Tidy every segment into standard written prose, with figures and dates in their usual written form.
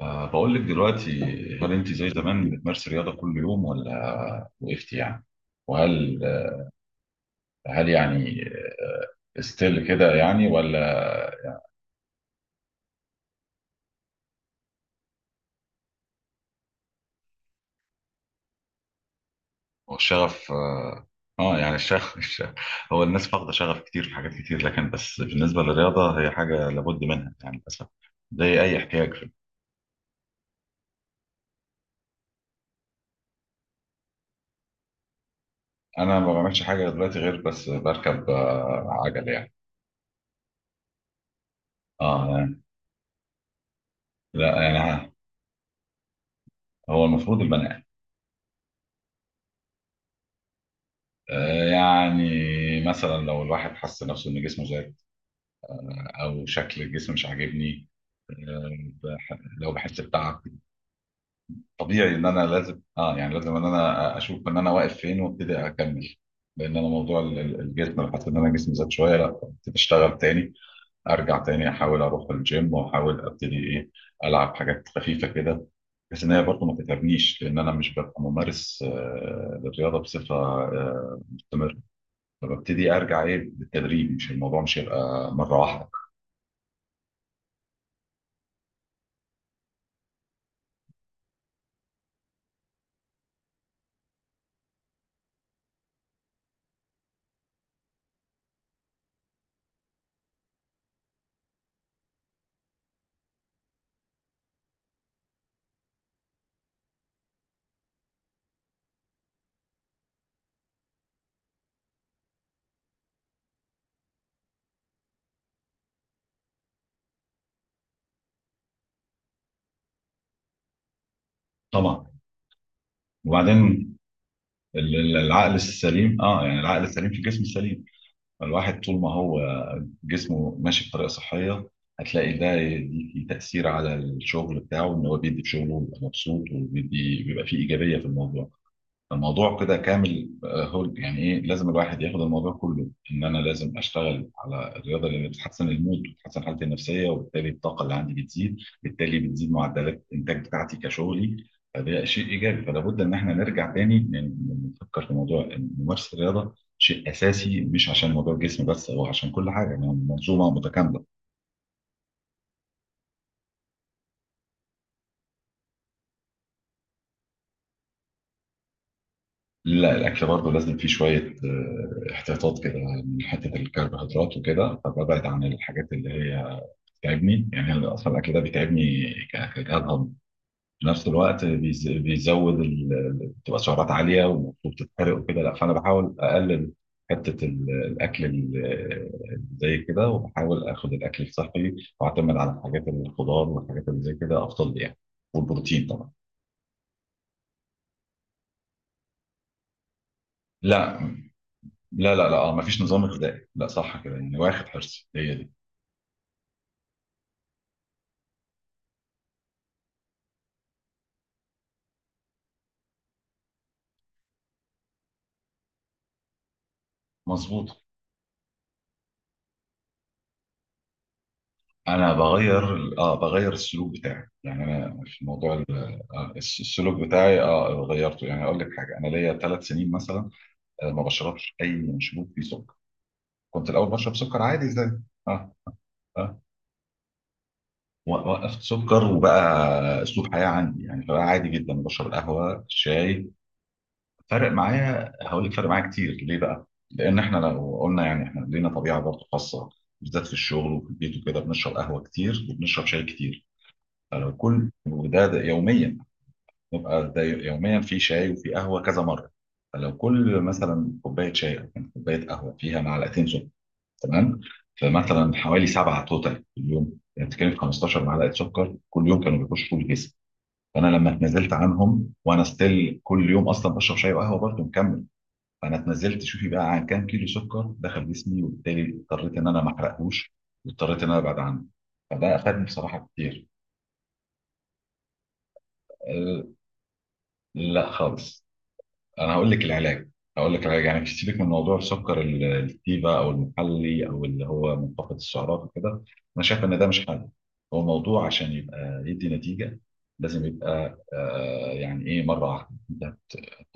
بقول لك دلوقتي، هل انت زي زمان بتمارسي رياضه كل يوم ولا وقفتي يعني؟ وهل يعني ستيل كده يعني ولا؟ هو الشغف اه. يعني الشغف هو الناس فاقده شغف كتير في حاجات كتير، لكن بس بالنسبه للرياضه هي حاجه لابد منها يعني للاسف، زي اي احتياج. انا ما بعملش حاجه دلوقتي غير بس بركب عجل يعني. اه يعني، لا يعني هو المفروض البني. يعني مثلا لو الواحد حس نفسه ان جسمه زاد او شكل الجسم مش عاجبني، آه، لو بحس بتعب، طبيعي ان انا لازم اه يعني لازم ان انا اشوف ان انا واقف فين وابتدي اكمل. لان انا موضوع الجسم لو حسيت ان انا جسمي زاد شويه، لا ابتدي اشتغل تاني، ارجع تاني احاول اروح الجيم واحاول ابتدي ايه، العب حاجات خفيفه كده، بس ان هي برضه ما تتعبنيش لان انا مش ببقى ممارس للرياضه بصفه مستمره. فببتدي ارجع ايه بالتدريج، مش الموضوع مش هيبقى مره واحده. طبعا. وبعدين العقل السليم اه يعني العقل السليم في الجسم السليم. الواحد طول ما هو جسمه ماشي بطريقه صحيه هتلاقي ده يدي تاثير على الشغل بتاعه، ان هو بيدي في شغله بيبقى مبسوط وبيدي بيبقى فيه ايجابيه في الموضوع. الموضوع كده كامل. هول يعني ايه، لازم الواحد ياخد الموضوع كله، ان انا لازم اشتغل على الرياضه اللي بتحسن المود وبتحسن حالتي النفسيه، وبالتالي الطاقه اللي عندي بتزيد، بالتالي بتزيد معدلات الانتاج بتاعتي كشغلي. فده شيء ايجابي، فلا بد ان احنا نرجع تاني نفكر في موضوع إن ممارسه الرياضه شيء اساسي، مش عشان موضوع الجسم بس، هو عشان كل حاجه يعني منظومه متكامله. لا، الاكل برضه لازم فيه شويه احتياطات كده، من حته الكربوهيدرات وكده، فببعد عن الحاجات اللي هي بيتعبني، يعني أنا اصلا الاكل ده بيتعبني كجهاز هضمي. في نفس الوقت بيزود بتبقى سعرات عاليه ومفروض تتحرق وكده، لا فانا بحاول اقلل حته الاكل زي كده، وبحاول اخد الاكل الصحي واعتمد على الحاجات الخضار والحاجات اللي زي كده افضل لي يعني، والبروتين طبعا. لا. اه، مفيش نظام غذائي، لا صح كده يعني، واخد حرصي، هي دي. مظبوط. انا بغير. اه بغير السلوك بتاعي، يعني انا في موضوع السلوك بتاعي اه غيرته، يعني اقول لك حاجه، انا ليا 3 سنين مثلا ما بشربش اي مشروب فيه سكر. كنت الاول بشرب سكر عادي ازاي. اه. اه. وقفت سكر وبقى اسلوب حياه عندي يعني، فبقى عادي جدا بشرب القهوه الشاي. فرق معايا هقول لك، فرق معايا كتير، ليه بقى؟ لان احنا لو قلنا يعني احنا لينا طبيعه برضه خاصه، بالذات في الشغل وفي البيت وكده بنشرب قهوه كتير وبنشرب شاي كتير. كل وده ده يوميا، نبقى ده يوميا في شاي وفي قهوه كذا مره. فلو كل مثلا كوبايه شاي او كوبايه قهوه فيها معلقتين سكر، تمام؟ فمثلا حوالي 7 توتال في اليوم، يعني بتتكلم في 15 معلقه سكر كل يوم كانوا بيخشوا في الجسم. فانا لما اتنزلت عنهم وانا ستيل كل يوم اصلا بشرب شاي وقهوه برضه مكمل، فانا اتنزلت شوفي بقى عن كام كيلو سكر دخل جسمي، وبالتالي اضطريت ان انا ما احرقهوش واضطريت ان انا ابعد عنه. فده افادني بصراحه كتير. أه. لا خالص. انا هقول لك العلاج، هقول لك العلاج يعني، سيبك من موضوع السكر الكتيفه او المحلي او اللي هو منخفض السعرات وكده، انا شايف ان ده مش حل. هو موضوع عشان يبقى يدي نتيجه، لازم يبقى آه يعني ايه، مره واحده.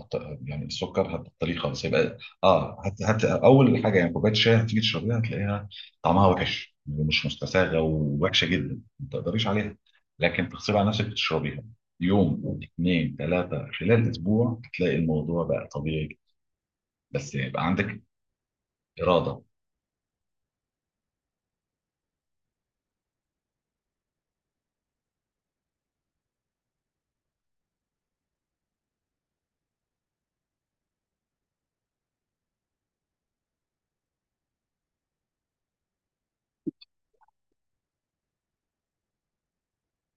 هت- يعني السكر هتبطليه خالص، هيبقى اه اول حاجه يعني كوبايه شاي هتيجي تشربيها هتلاقيها طعمها وحش، مش مستساغه ووحشه جدا ما تقدريش عليها، لكن تغصبي على نفسك تشربيها. يوم اثنين ثلاثه خلال اسبوع هتلاقي الموضوع بقى طبيعي جدا. بس يبقى عندك اراده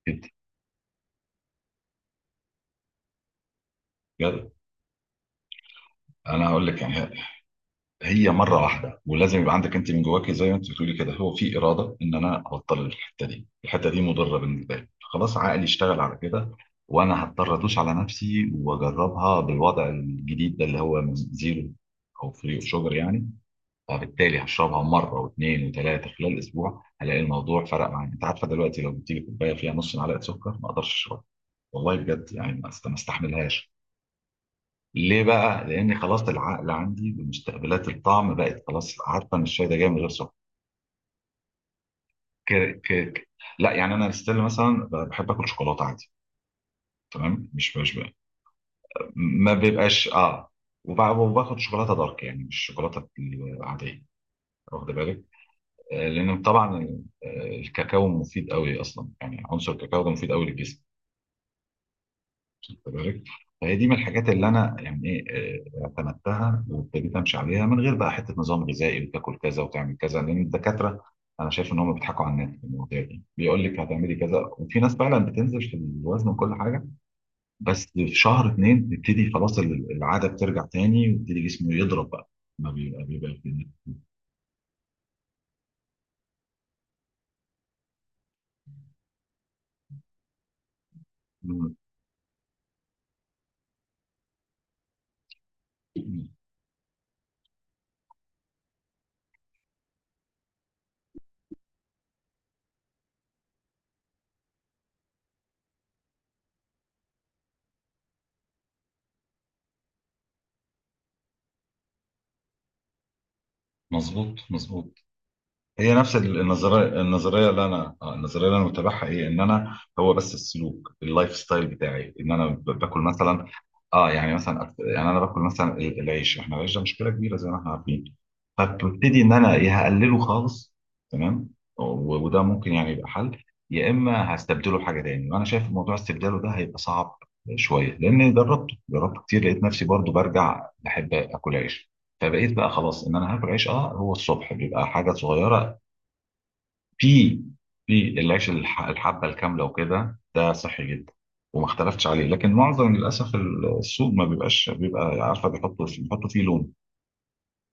جدا بجد. انا هقول لك يعني، هي مره واحده ولازم يبقى عندك انت من جواكي زي ما انت بتقولي كده، هو في اراده ان انا ابطل الحته دي، الحته دي مضره بالنسبه لي، خلاص عقلي اشتغل على كده، وانا هضطر ادوس على نفسي واجربها بالوضع الجديد ده اللي هو من زيرو او فري شوجر يعني. فبالتالي هشربها مره واثنين وثلاثه خلال اسبوع، هلاقي الموضوع فرق معايا. انت عارفه دلوقتي لو جبت لي كوبايه فيها نص معلقه سكر ما اقدرش اشربها. والله بجد يعني ما استحملهاش. ليه بقى؟ لأن خلاص العقل عندي بمستقبلات الطعم بقت خلاص عارفة إن الشاي ده جاي من غير سكر. ك... ك... ك- لا يعني أنا ستيل مثلا بحب آكل شوكولاتة عادي، تمام؟ مش مش ما بيبقاش آه. وباخد شوكولاتة دارك يعني، مش الشوكولاتة العادية، واخد بالك؟ لأن طبعا الكاكاو مفيد قوي أصلا، يعني عنصر الكاكاو ده مفيد قوي للجسم. خد بالك، فهي دي من الحاجات اللي انا يعني ايه اعتمدتها وابتديت امشي عليها من غير بقى حته نظام غذائي وتاكل كذا وتعمل كذا، لان الدكاتره انا شايف ان هم بيضحكوا على الناس في المواضيع دي، بيقول لك هتعملي كذا، وفي ناس فعلا بتنزل في الوزن وكل حاجه، بس في شهر اتنين بيبتدي خلاص العاده بترجع تاني ويبتدي جسمه يضرب بقى، ما بيبقى مم. مظبوط مظبوط. هي نفس النظريه اللي انا النظريه اللي انا متابعها ايه، ان انا هو بس السلوك اللايف ستايل بتاعي، ان انا باكل مثلا. اه يعني مثلا يعني انا باكل مثلا العيش، احنا العيش ده مشكله كبيره زي ما احنا عارفين، فببتدي ان انا يا هقلله خالص، تمام. وده ممكن يعني يبقى حل، يا اما هستبدله بحاجه تاني، وانا شايف موضوع استبداله ده هيبقى صعب شويه لان جربته كتير لقيت نفسي برضو برجع بحب اكل عيش، فبقيت بقى خلاص ان انا هاكل عيش اه هو الصبح بيبقى حاجه صغيره. في. في العيش الحبه الكامله وكده ده صحي جدا وما اختلفتش عليه، لكن معظم للاسف السوق ما بيبقاش، بيبقى عارفه بيحطوا فيه، بيحطوا فيه لون،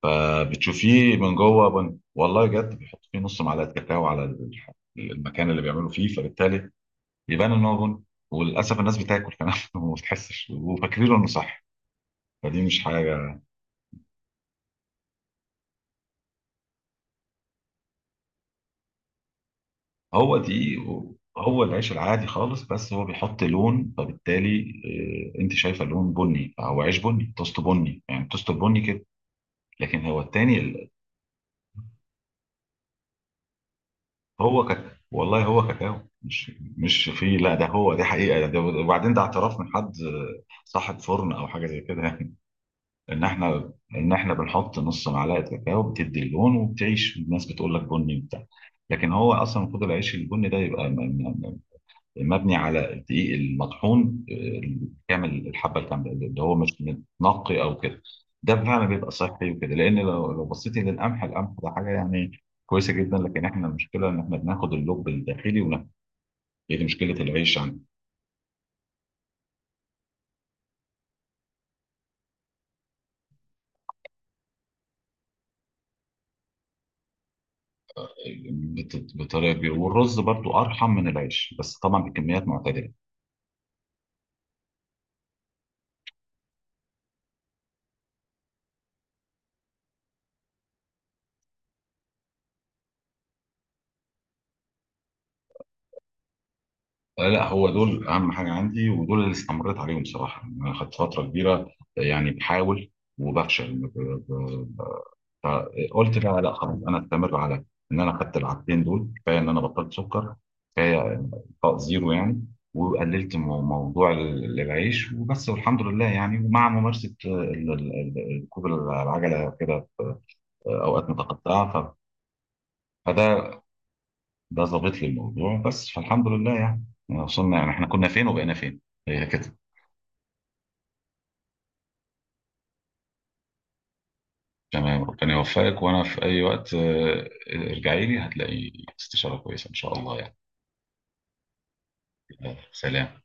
فبتشوفيه من جوه والله بجد بيحطوا فيه نص معلقه كاكاو على المكان اللي بيعملوا فيه، فبالتالي يبان ان هو بن. وللاسف الناس بتاكل كمان وما بتحسش وفاكرينه انه صح، فدي مش حاجه. هو دي، هو العيش العادي خالص، بس هو بيحط لون فبالتالي انت شايفه لون بني، فهو عيش بني توست بني يعني توست بني كده، لكن هو التاني هو كاكاو والله هو كاكاو، مش مش في، لا ده هو دي حقيقه، ده وبعدين ده اعتراف من حد صاحب فرن او حاجه زي كده يعني، ان احنا بنحط نص معلقه كاكاو بتدي اللون وبتعيش الناس بتقول لك بني وبتاع، لكن هو اصلا المفروض العيش البني ده يبقى مبني على الدقيق المطحون كامل الحبه الكامله اللي هو مش متنقي او كده. ده فعلا بيبقى صحي وكده، لان لو بصيتي للقمح، القمح ده حاجه يعني كويسه جدا، لكن احنا المشكله ان احنا بناخد اللب الداخلي وناكل، هي دي مشكله العيش عندنا. بطريقه كبيره، والرز برضو ارحم من العيش بس طبعا بكميات معتدله. لا هو دول اهم حاجه عندي ودول اللي استمريت عليهم صراحه، انا خدت فتره كبيره يعني بحاول وبفشل ب- فقلت بقى لا خلاص انا استمر على ان انا خدت العادتين دول كفايه، ان انا بطلت سكر كفايه، انقاء زيرو يعني، وقللت موضوع العيش وبس، والحمد لله يعني. ومع ممارسه ركوب العجله كده في اوقات متقطعه فده ده ظابط لي الموضوع بس، فالحمد لله يعني، يعني وصلنا يعني، احنا كنا فين وبقينا فين، هي كده. تمام، ربنا يوفقك، وانا في اي وقت ارجعي لي هتلاقي استشاره كويسه ان شاء الله يعني. سلام.